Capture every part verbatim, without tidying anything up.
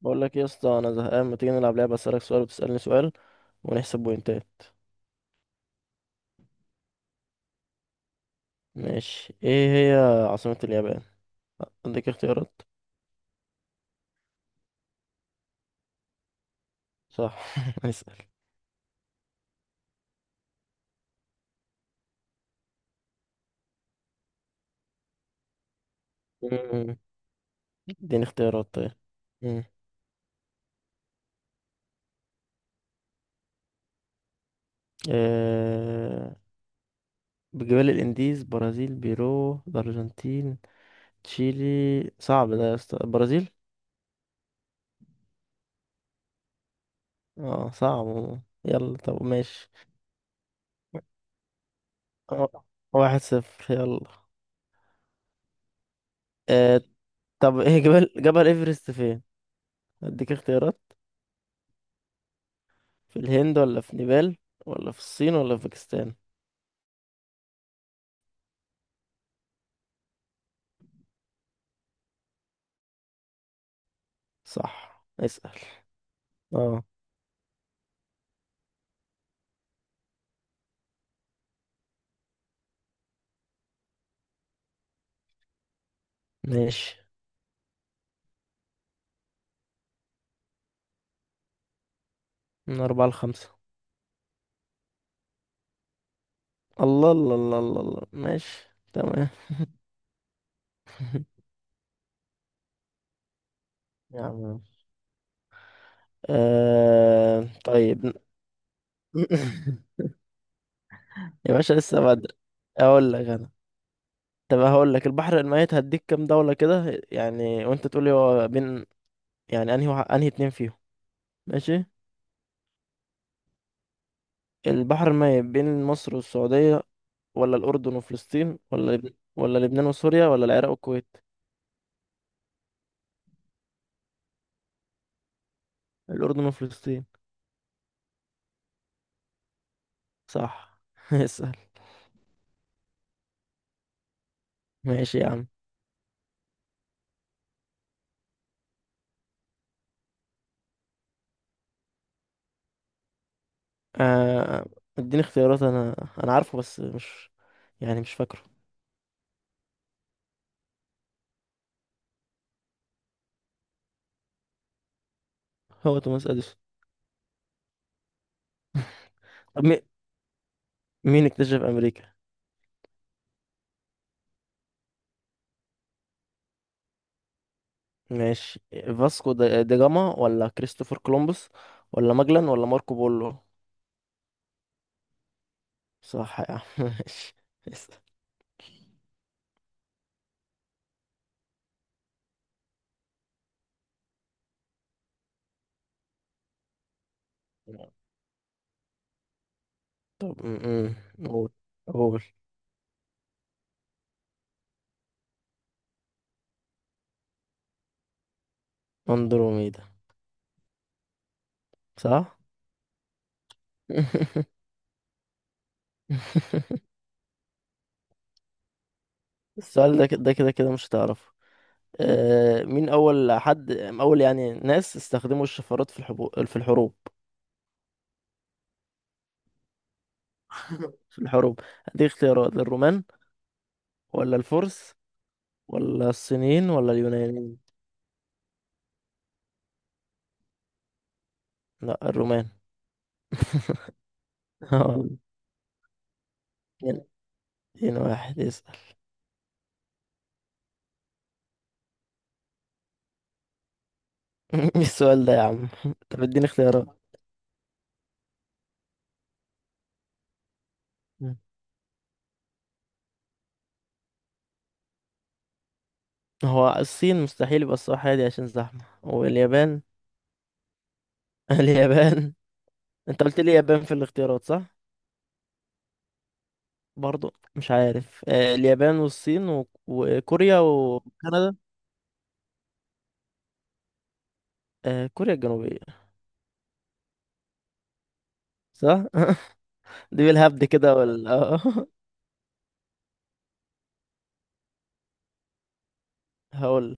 بقول لك يا اسطى، انا زهقان. ما تيجي نلعب لعبه اسالك سؤال وتسالني سؤال ونحسب بوينتات. ماشي. ايه هي عاصمه اليابان؟ عندك اختيارات. صح. اسال. مم. اديني اختيارات طيب. مم. آه... بجبال الانديز، برازيل بيرو الارجنتين تشيلي. صعب ده يا اسطى، البرازيل. اه صعب. يلا طب ماشي. آه، واحد صفر. يلا. آه... طب ايه، جبل جبل ايفرست فين؟ اديك اختيارات. في الهند ولا في نيبال ولا في الصين ولا في باكستان؟ صح. اسأل. اه. ماشي، من أربعة لخمسة. الله الله الله الله الله، ماشي تمام. يا عم، آه... طيب. يا باشا لسه بدري. اقول لك انا. طب هقول لك، البحر الميت هديك كام دولة كده يعني وانت تقولي هو بين يعني انهي واحد- انهي اتنين فيهم. ماشي. البحر الميت بين مصر والسعودية، ولا الأردن وفلسطين، ولا لبن... ولا لبنان وسوريا، ولا العراق والكويت؟ الأردن وفلسطين. صح. اسأل. ماشي يا عم. آه، اديني اختيارات انا انا عارفه بس مش يعني مش فاكره. هو توماس اديسون. طب مي- مين اكتشف امريكا؟ ماشي. فاسكو دا دا جاما ولا كريستوفر كولومبوس ولا ماجلان ولا ماركو بولو؟ صح يا عم. ماشي اسأل. طب م- م. قول. قول. اندروميدا. صح. السؤال ده كده ده كده كده مش هتعرفه. آه، مين أول حد، أول يعني ناس استخدموا الشفرات في الحبو... في الحروب؟ في الحروب. دي اختيارات. الرومان ولا الفرس ولا الصينيين ولا اليونانيين؟ لا، الرومان. اه اتنين. اتنين واحد. اسأل. ايه السؤال ده يا عم؟ طب اديني اختيارات. هو الصين مستحيل يبقى الصراحة دي عشان زحمة. واليابان. اليابان. انت قلت لي اليابان في الاختيارات، صح؟ برضو مش عارف. آه، اليابان والصين و- وكوريا وكندا. آه، كوريا الجنوبية. صح؟ دي بالهبد كده. وال آه، هقول.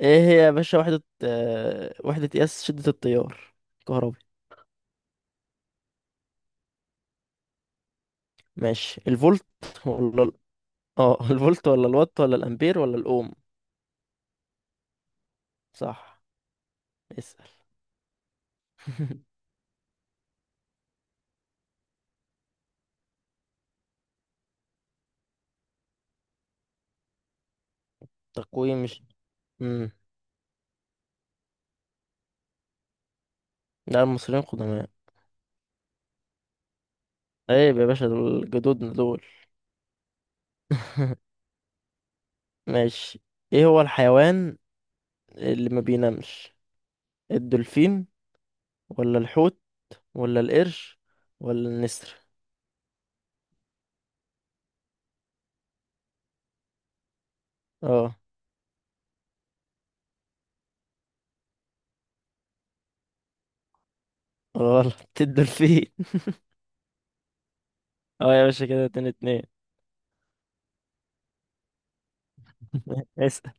ايه هي يا باشا وحدة آه، وحدة قياس شدة التيار الكهربي؟ ماشي. الفولت ولا ال- اه الفولت ولا الوات ولا الأمبير ولا الأوم؟ صح. اسأل. تقويم مش مم. لا، المصريين قدماء. عيب يا باشا، دول جدودنا دول. ماشي. ايه هو الحيوان اللي ما بينامش؟ الدولفين ولا الحوت ولا القرش ولا النسر؟ آه. غلط. الدولفين. اه يا باشا كده اتنين اتنين. اسأل.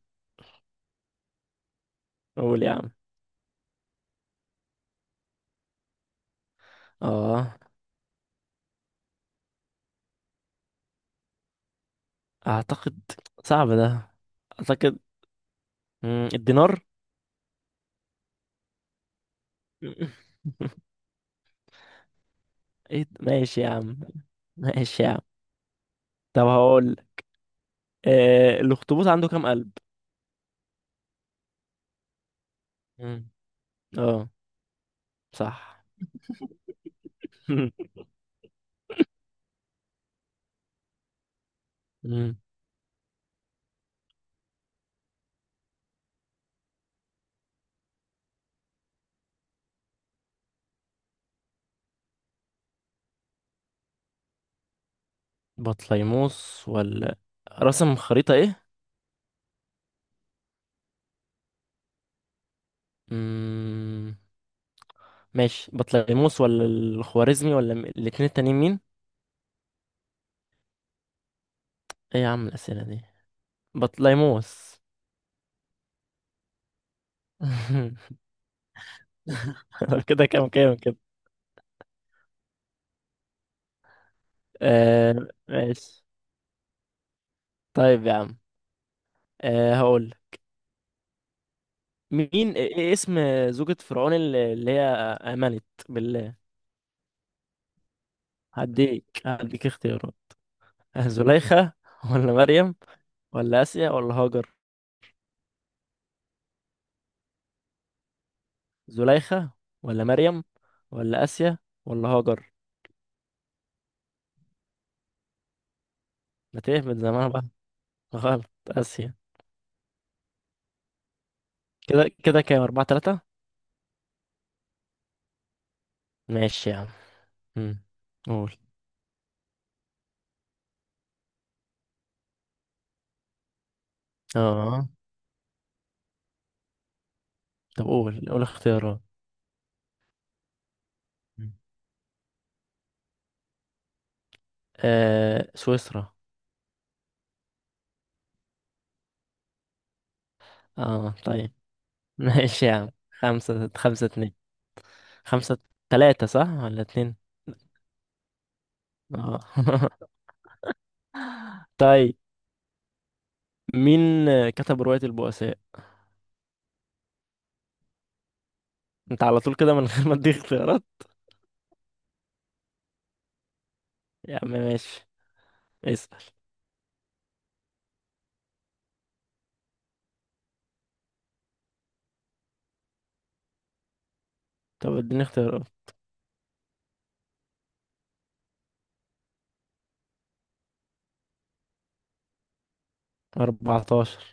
قول يا عم. اه. اعتقد. صعب ده. اعتقد، مم، الدينار. ايه ده؟ ماشي يا عم. ماشي يا عم. طب هقول. آه الاخطبوط عنده كام قلب؟ مم. اه. صح. مم. بطليموس ولا. رسم خريطة ايه؟ مم. ماشي، بطليموس ولا الخوارزمي ولا م- الاتنين التانيين مين؟ ايه يا عم الأسئلة دي. بطليموس. كده كام كام كده. آه ماشي. طيب يا عم. آه هقول. مين، إيه إيه اسم زوجة فرعون اللي اللي هي آمنت بالله؟ هديك هديك اختيارات. آه، زليخة ولا مريم ولا آسيا ولا هاجر. زليخة ولا مريم ولا آسيا ولا هاجر. ما تيه من زمان بقى. غلط، آسيا. كده كده كام؟ أربعة تلاتة. ماشي يا عم. مم. قول. اه. طب قول، قول اختيارات. آه سويسرا. اه. طيب. ماشي يا عم. خمسة خمسة اتنين. خمسة تلاتة صح ولا اتنين؟ اه. طيب. مين كتب رواية البؤساء؟ انت على طول كده من غير ما اديك اختيارات؟ يا عم ماشي. اسأل. طب اديني اختيارات. أربعة عشر.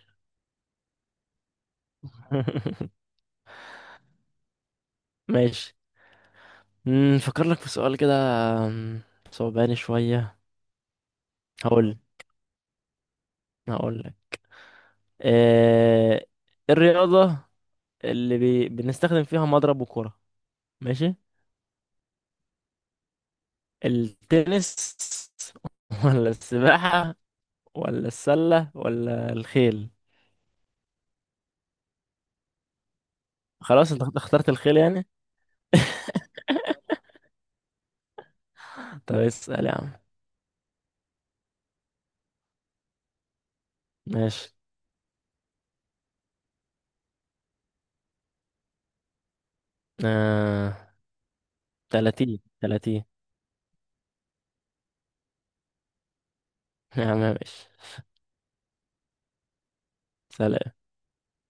ماشي. نفكر لك في سؤال كده. أم، صعباني شوية. هقول هقول لك. آه إيه الرياضة اللي بي... بنستخدم فيها مضرب وكرة؟ ماشي. التنس. ولا السباحة ولا السلة ولا الخيل؟ خلاص، انت اخترت الخيل يعني. طب اسأل يا عم. ماشي. آه... تلاتين. تلاتين. يا عم ماشي. سلام.